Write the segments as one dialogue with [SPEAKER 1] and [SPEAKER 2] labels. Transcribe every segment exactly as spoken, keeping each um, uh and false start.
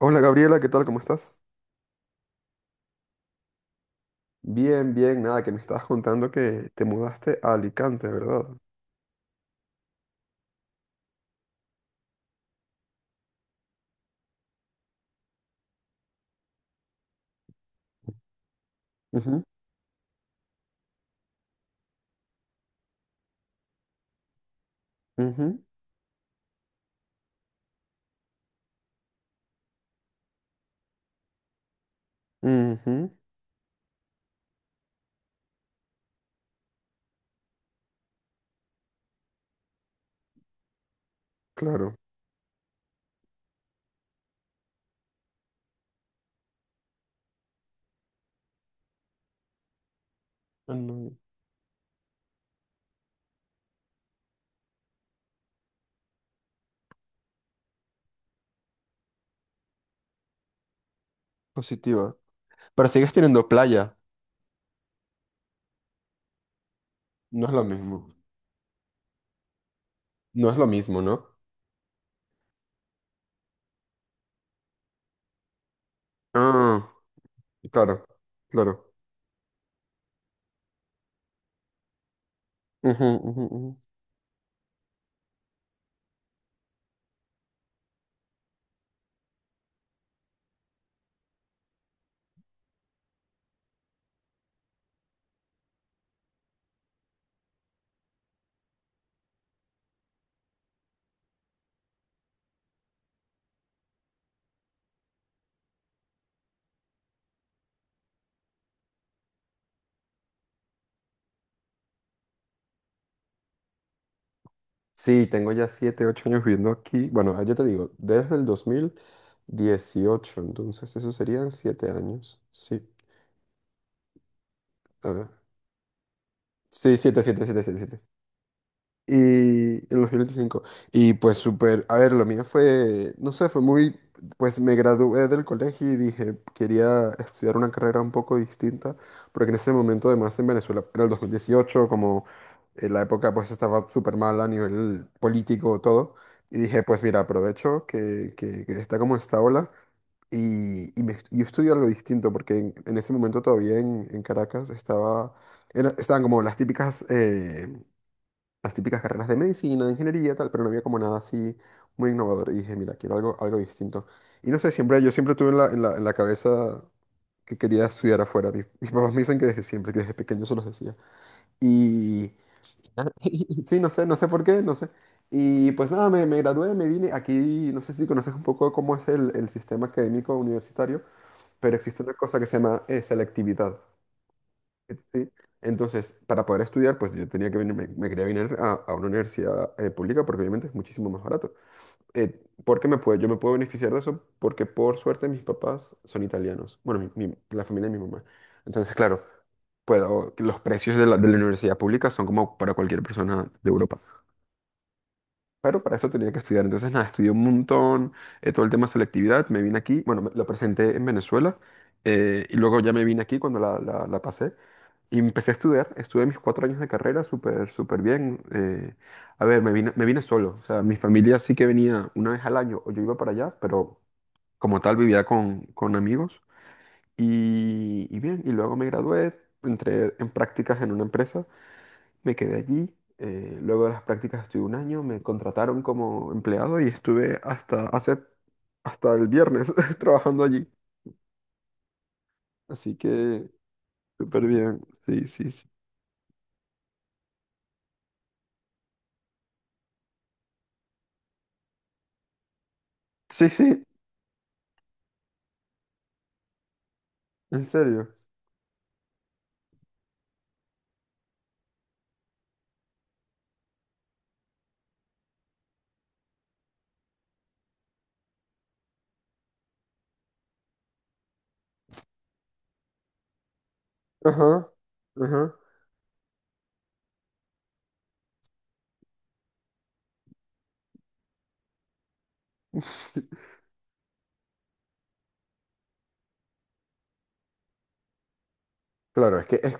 [SPEAKER 1] Hola Gabriela, ¿qué tal? ¿Cómo estás? Bien, bien, nada, que me estabas contando que te mudaste a Alicante, ¿verdad? Ujú, ujú, ujú, Claro. Ah, no, Positiva. Pero sigues teniendo playa. No es lo mismo. No es lo mismo, ¿no? Ah, claro, claro. Ujú, ujú, ujú. Sí, tengo ya siete, ocho años viviendo aquí. Bueno, ah, ya te digo, desde el dos mil dieciocho. Entonces eso serían siete años. Sí, a ver. Sí, siete, siete, siete. 7, y en dos mil veinticinco. Y pues súper, a ver, lo mío fue, no sé, fue muy, pues me gradué del colegio y dije, quería estudiar una carrera un poco distinta, porque en ese momento además en Venezuela era el dos mil dieciocho como eh, la época, pues estaba súper mal a nivel político, todo. Y dije, pues mira, aprovecho que, que, que está como esta ola y, y, me, yo estudio algo distinto, porque en, en ese momento todavía en, en Caracas estaba, era- estaban como las típicas... eh, las típicas carreras de medicina, de ingeniería, tal, pero no había como nada así muy innovador. Y dije, mira, quiero algo, algo distinto. Y no sé, siempre, yo siempre tuve en la, en la, en la cabeza que quería estudiar afuera. Mis, mis papás me dicen que desde siempre, que desde pequeño se los decía. Y ah, sí, no sé, no sé por qué, no sé. Y pues nada, me, me gradué, me vine aquí, no sé si conoces un poco cómo es el, el sistema académico universitario, pero existe una cosa que se llama eh, selectividad. Sí. Entonces, para poder estudiar, pues yo tenía que venir, me, me quería venir a, a una universidad eh, pública porque obviamente es muchísimo más barato. Eh, ¿por qué me puedo, yo me puedo beneficiar de eso? Porque por suerte mis papás son italianos. Bueno, mi- mi- la familia de mi mamá. Entonces, claro, puedo, los precios de la, de la universidad pública son como para cualquier persona de Europa. Pero para eso tenía que estudiar. Entonces, nada, estudié un montón, eh, todo el tema de selectividad, me vine aquí, bueno, me- lo presenté en Venezuela, eh, y luego ya me vine aquí cuando la, la, la pasé y empecé a estudiar, estuve mis cuatro años de carrera súper, súper bien. eh, a ver, me vine, me vine solo, o sea, mi familia sí que venía una vez al año o yo iba para allá, pero como tal vivía con, con amigos y, y bien, y luego me gradué, entré en prácticas en una empresa, me quedé allí. Eh, luego de las prácticas estuve un año, me contrataron como empleado y estuve hasta hace, hasta el viernes trabajando allí. Así que súper bien. Sí, sí, sí. Sí, sí, en serio. Ajá, ajá. Claro, es que es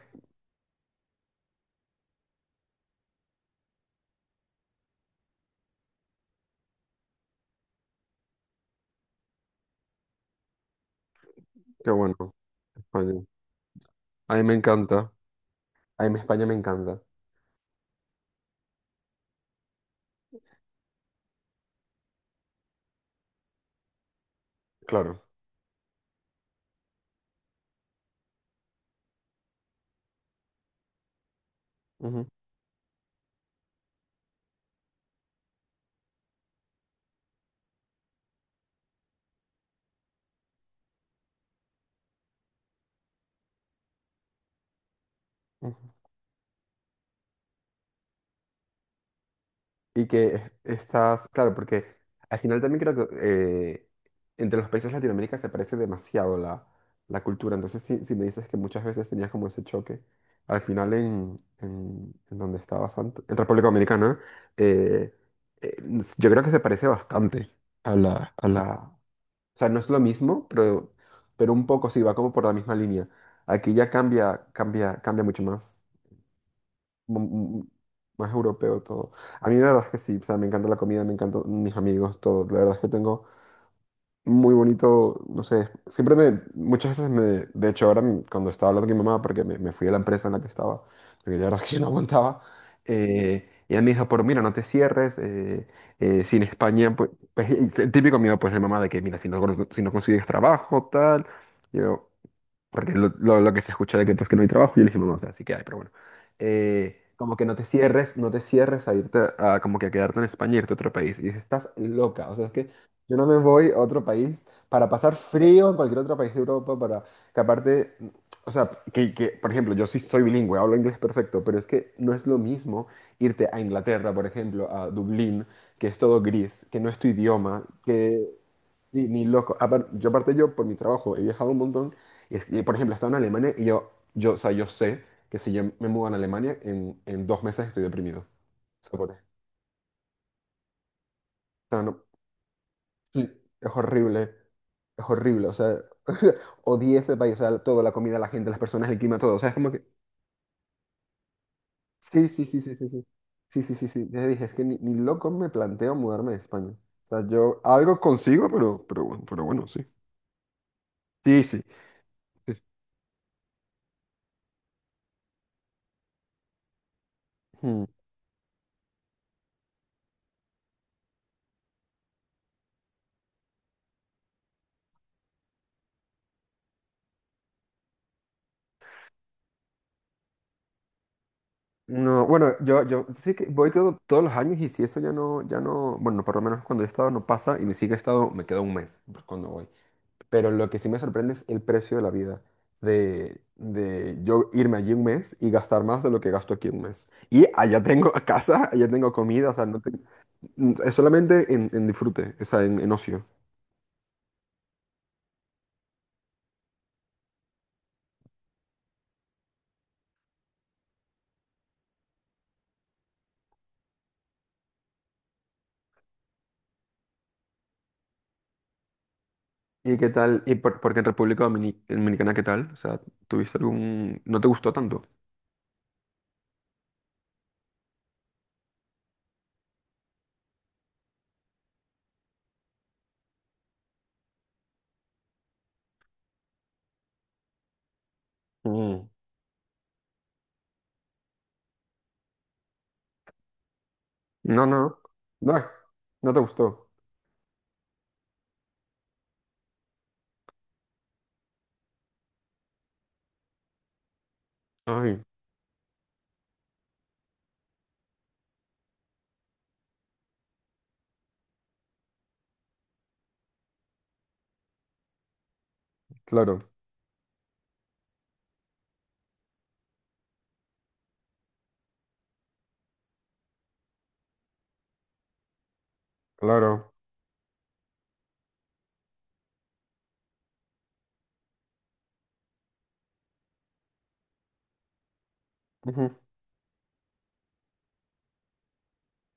[SPEAKER 1] que bueno, España. A mí me encanta. A mí España me encanta. Claro. Ujú, ujú. Y que es- estás, claro, porque al final también creo que eh, entre los países de Latinoamérica se parece demasiado la, la cultura. Entonces, si, si me dices que muchas veces tenías como ese choque, al final en, en, en donde estabas antes, en República Dominicana, eh, eh, s- yo creo que se parece bastante a la, a la... O sea, no es lo mismo, pero, pero un poco sí, va como por la misma línea. Aquí ya cambia, cambia, cambia mucho más, mm, más europeo todo. A mí la verdad es que sí, o sea, me encanta la comida, me encantan mis amigos, todo. La verdad es que tengo muy bonito, no sé, siempre me, muchas veces me, de hecho ahora m- cuando estaba hablando con mi mamá, porque me, me fui a la empresa en la que estaba, porque la verdad es que yo no aguantaba, eh, y ella me dijo, pero mira, no te cierres, eh, eh, si en España, pues, pues, y es el típico miedo pues de mamá de que, mira, si no, con- si no consigues trabajo, tal, yo, porque lo, lo- lo que se escucha de que, pues, que no hay trabajo, yo le dije, mamá, o sea, sí que hay, pero bueno. Eh, como que no te cierres, no te cierres a irte, a, como que a quedarte en España, irte a otro país. Y dice, estás loca, o sea, es que yo no me voy a otro país para pasar frío en cualquier otro país de Europa, para que aparte, o sea, que, que, por ejemplo, yo sí soy bilingüe, hablo inglés perfecto, pero es que no es lo mismo irte a Inglaterra, por ejemplo, a Dublín, que es todo gris, que no es tu idioma. Sí, ni loco. Apar- yo aparte yo por mi trabajo he viajado un montón. Y, es- y, por ejemplo, he estado en Alemania y yo, yo, o sea, yo sé que si yo me mudo a Alemania, en, en dos meses estoy deprimido. O sea, por- o sea, no- sí, es horrible, es horrible. O sea, odié ese país, o sea, todo, la comida, la gente, las personas, el clima, todo. O sea, es como que... Sí, sí, sí, sí, sí, sí. Sí, sí, sí, sí. Ya dije, es que ni, ni loco me planteo mudarme de España. O sea, yo algo consigo, pero, pero, bueno- pero bueno, sí. Sí, sí. Sí. Hmm. No, bueno, yo, yo sí que voy todo- todos los años y si eso ya no, ya no, bueno, por lo menos cuando yo he estado no pasa y ni siquiera he estado, me queda un mes cuando voy. Pero lo que sí me sorprende es el precio de la vida, de, de yo irme allí un mes y gastar más de lo que gasto aquí un mes. Y allá tengo casa, allá tengo comida, o sea, no tengo- es solamente en, en disfrute, o sea, en, en ocio. ¿Y qué tal? ¿Y por, porque en República Domini- Dominicana qué tal? O sea, ¿tuviste algún... ¿No te gustó tanto? Mm. No, no, no, no te gustó. Ay, claro, claro. Ujú,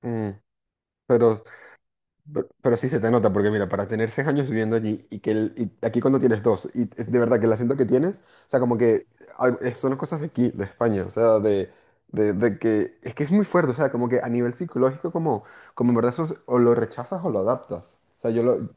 [SPEAKER 1] mm. Pero, pero, pero sí se te nota, porque mira, para tener seis años viviendo allí y que el- y aquí cuando tienes dos, y es de verdad que el acento que tienes, o sea, como que al- eh, son cosas de aquí, de España, o sea, de, de, de que es que es muy fuerte, o sea, como que a nivel psicológico, como, como en verdad eso es- o lo rechazas o lo adaptas. O sea, yo lo,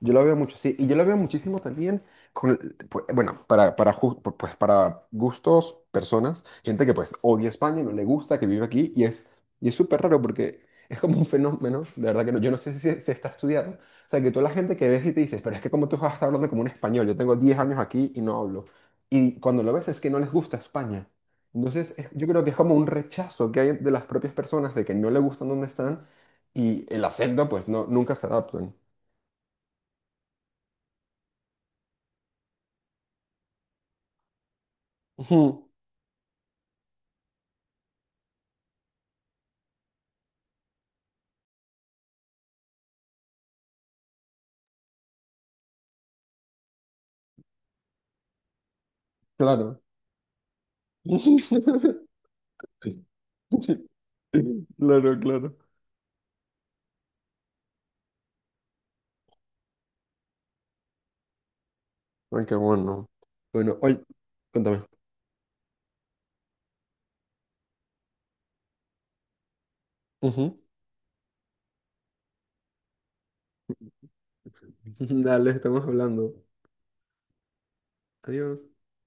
[SPEAKER 1] yo lo veo mucho, sí, y yo lo veo muchísimo también con, el- bueno, para, para, ju- pu- pues para gustos, personas, gente que pues odia España, no le gusta, que vive aquí, y es, y es súper raro porque es como un fenómeno, de verdad que no, yo no sé si se se está estudiado, o sea, que toda la gente que ves y te dices, pero es que como tú vas a estar hablando como un español, yo tengo diez años aquí y no hablo, y cuando lo ves es que no les gusta España, entonces es- yo creo que es como un rechazo que hay de las propias personas de que no le gustan donde están, y el acento pues no, nunca se adaptan. Ujú. Claro. Claro, claro. Ah, qué bueno. Bueno, hoy, cuéntame. Ujú. Dale, estamos hablando. Adiós.